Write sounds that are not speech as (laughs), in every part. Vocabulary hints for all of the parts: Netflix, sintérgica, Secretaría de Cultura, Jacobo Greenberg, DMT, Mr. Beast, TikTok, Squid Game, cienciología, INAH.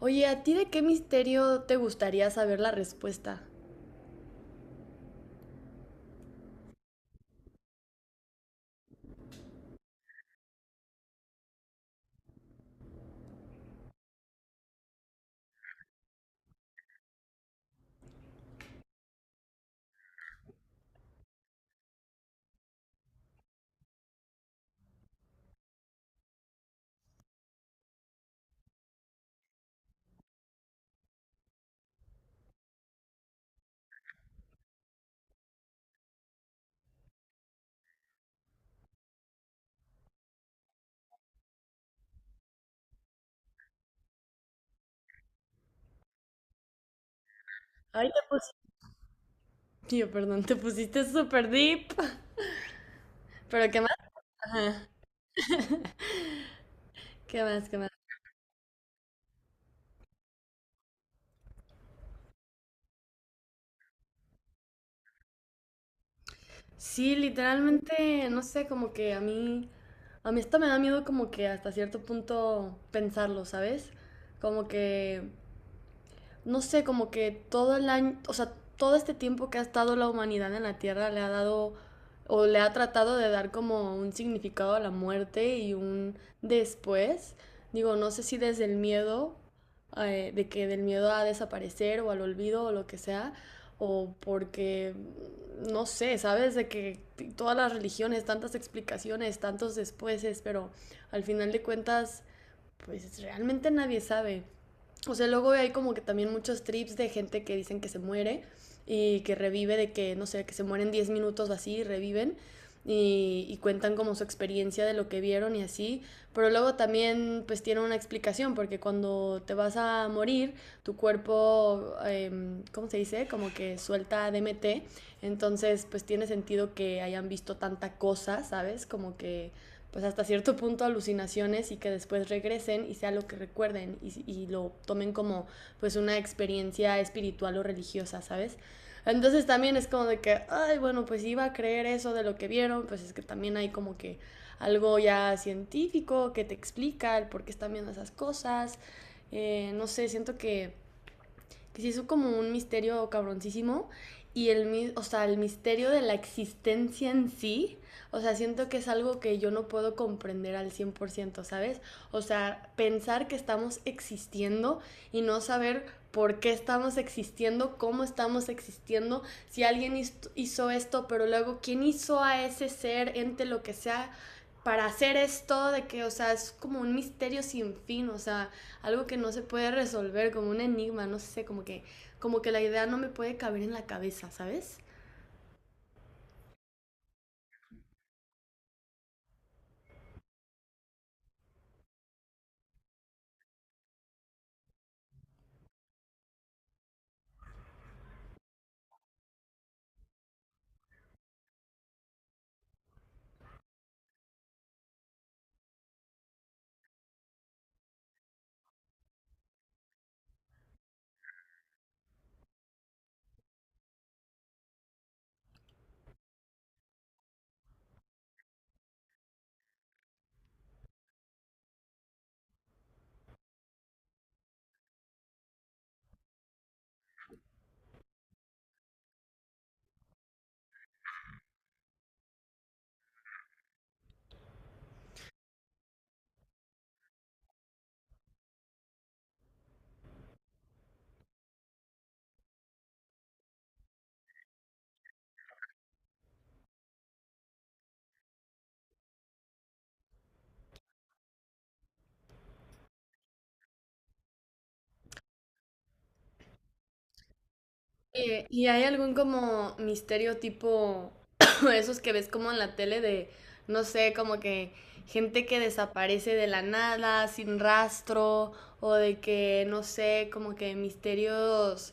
Oye, ¿a ti de qué misterio te gustaría saber la respuesta? Ay, Tío, perdón, te pusiste súper deep. (laughs) ¿Pero qué más? Ajá. ¿Qué más? ¿Qué más? Sí, literalmente, no sé, como que a mí esto me da miedo como que hasta cierto punto pensarlo, ¿sabes? Como que... no sé, como que todo el año, o sea, todo este tiempo que ha estado la humanidad en la Tierra le ha dado o le ha tratado de dar como un significado a la muerte y un después. Digo, no sé si desde el miedo, de que del miedo a desaparecer o al olvido o lo que sea, o porque, no sé, sabes, de que todas las religiones, tantas explicaciones, tantos despuéses, pero al final de cuentas, pues realmente nadie sabe. O sea, luego hay como que también muchos trips de gente que dicen que se muere y que revive de que, no sé, que se mueren 10 minutos o así y reviven y cuentan como su experiencia de lo que vieron y así. Pero luego también pues tiene una explicación porque cuando te vas a morir, tu cuerpo, ¿cómo se dice? Como que suelta DMT. Entonces pues tiene sentido que hayan visto tanta cosa, ¿sabes? Como que pues hasta cierto punto alucinaciones y que después regresen y sea lo que recuerden y lo tomen como pues una experiencia espiritual o religiosa, ¿sabes? Entonces también es como de que, ay, bueno, pues iba a creer eso de lo que vieron, pues es que también hay como que algo ya científico que te explica el por qué están viendo esas cosas. No sé, siento que se hizo como un misterio cabroncísimo y o sea, el misterio de la existencia en sí, o sea, siento que es algo que yo no puedo comprender al 100%, ¿sabes? O sea, pensar que estamos existiendo y no saber por qué estamos existiendo, cómo estamos existiendo, si alguien hizo esto, pero luego quién hizo a ese ser, ente, lo que sea, para hacer esto, de que, o sea, es como un misterio sin fin, o sea, algo que no se puede resolver, como un enigma, no sé, como que la idea no me puede caber en la cabeza, ¿sabes? ¿Y hay algún como misterio tipo (coughs) (clears throat) esos que ves como en la tele de, no sé, como que gente que desaparece de la nada, sin rastro, o de que, no sé, como que misterios,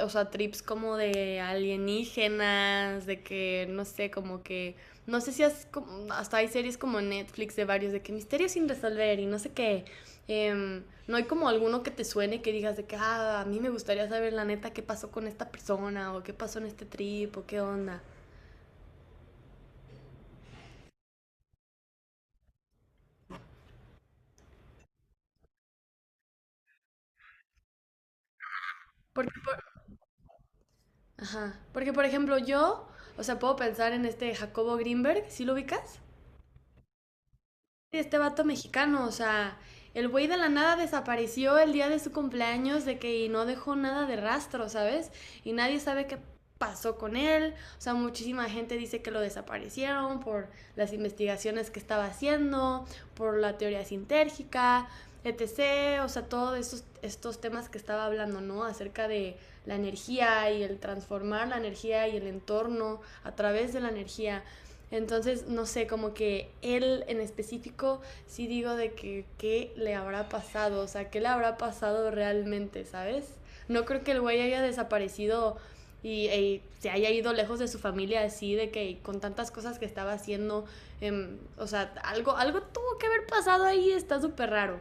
o sea, trips como de alienígenas, de que, no sé, como que, no sé si has, como, hasta hay series como Netflix de varios, de que misterios sin resolver y no sé qué? ¿No hay como alguno que te suene que digas de que, ah, a mí me gustaría saber la neta qué pasó con esta persona o qué pasó en este trip o qué onda? Porque, ajá, porque por ejemplo yo, o sea, puedo pensar en este Jacobo Greenberg, ¿sí lo ubicas? Este vato mexicano, o sea, el güey de la nada desapareció el día de su cumpleaños de que y no dejó nada de rastro, ¿sabes? Y nadie sabe qué pasó con él, o sea, muchísima gente dice que lo desaparecieron por las investigaciones que estaba haciendo, por la teoría sintérgica, etc., o sea, todos estos temas que estaba hablando, ¿no? Acerca de la energía y el transformar la energía y el entorno a través de la energía. Entonces, no sé, como que él en específico, sí digo de que qué le habrá pasado, o sea, qué le habrá pasado realmente, ¿sabes? No creo que el güey haya desaparecido y se haya ido lejos de su familia así, de que con tantas cosas que estaba haciendo, o sea, algo tuvo que haber pasado ahí, está súper raro.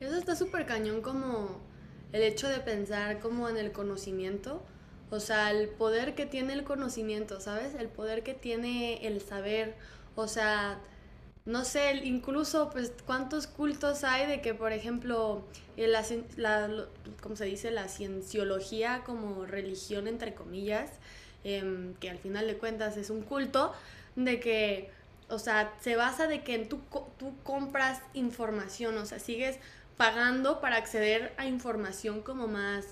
Eso está súper cañón como el hecho de pensar como en el conocimiento, o sea, el poder que tiene el conocimiento, ¿sabes? El poder que tiene el saber, o sea, no sé, incluso pues cuántos cultos hay de que, por ejemplo, la, cien, la lo- ¿cómo se dice? La cienciología como religión, entre comillas, que al final de cuentas es un culto, de que... O sea, se basa de que tú compras información, o sea, sigues pagando para acceder a información como más,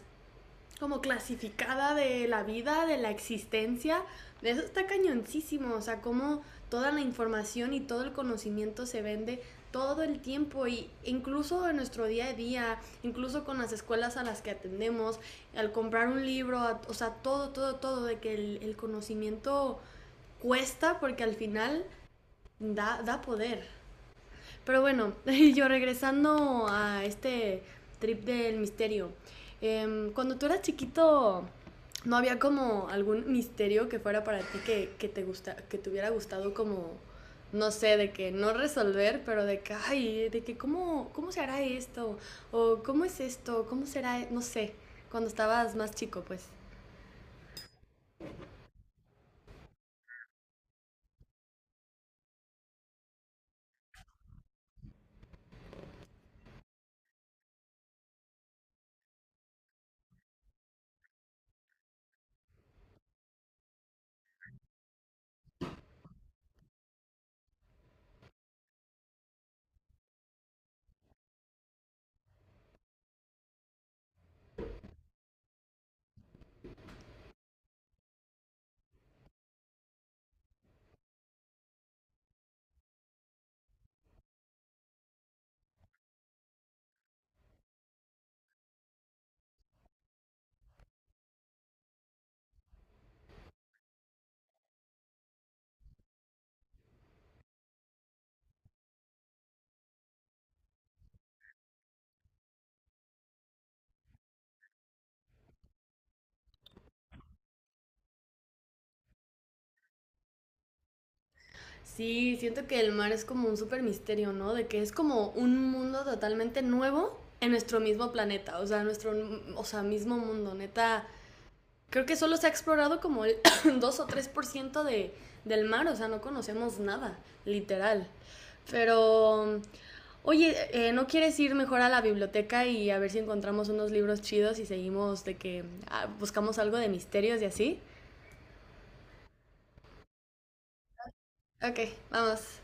como clasificada de la vida, de la existencia. De eso está cañoncísimo, o sea, cómo toda la información y todo el conocimiento se vende todo el tiempo y incluso en nuestro día a día, incluso con las escuelas a las que atendemos, al comprar un libro, o sea, todo, de que el conocimiento cuesta porque al final da poder. Pero bueno, (laughs) yo regresando a este trip del misterio. Cuando tú eras chiquito, ¿no había como algún misterio que fuera para ti que te hubiera gustado como, no sé, de que no resolver, pero de que, ay, de que cómo se hará esto? ¿O cómo es esto? ¿Cómo será? No sé, cuando estabas más chico, pues. Sí, siento que el mar es como un super misterio, ¿no? De que es como un mundo totalmente nuevo en nuestro mismo planeta, o sea, nuestro o sea, mismo mundo, neta. Creo que solo se ha explorado como el (coughs) 2 o tres por ciento de, del mar, o sea, no conocemos nada, literal. Pero, oye, ¿no quieres ir mejor a la biblioteca y a ver si encontramos unos libros chidos y seguimos de que ah, buscamos algo de misterios y así? Ok, vamos.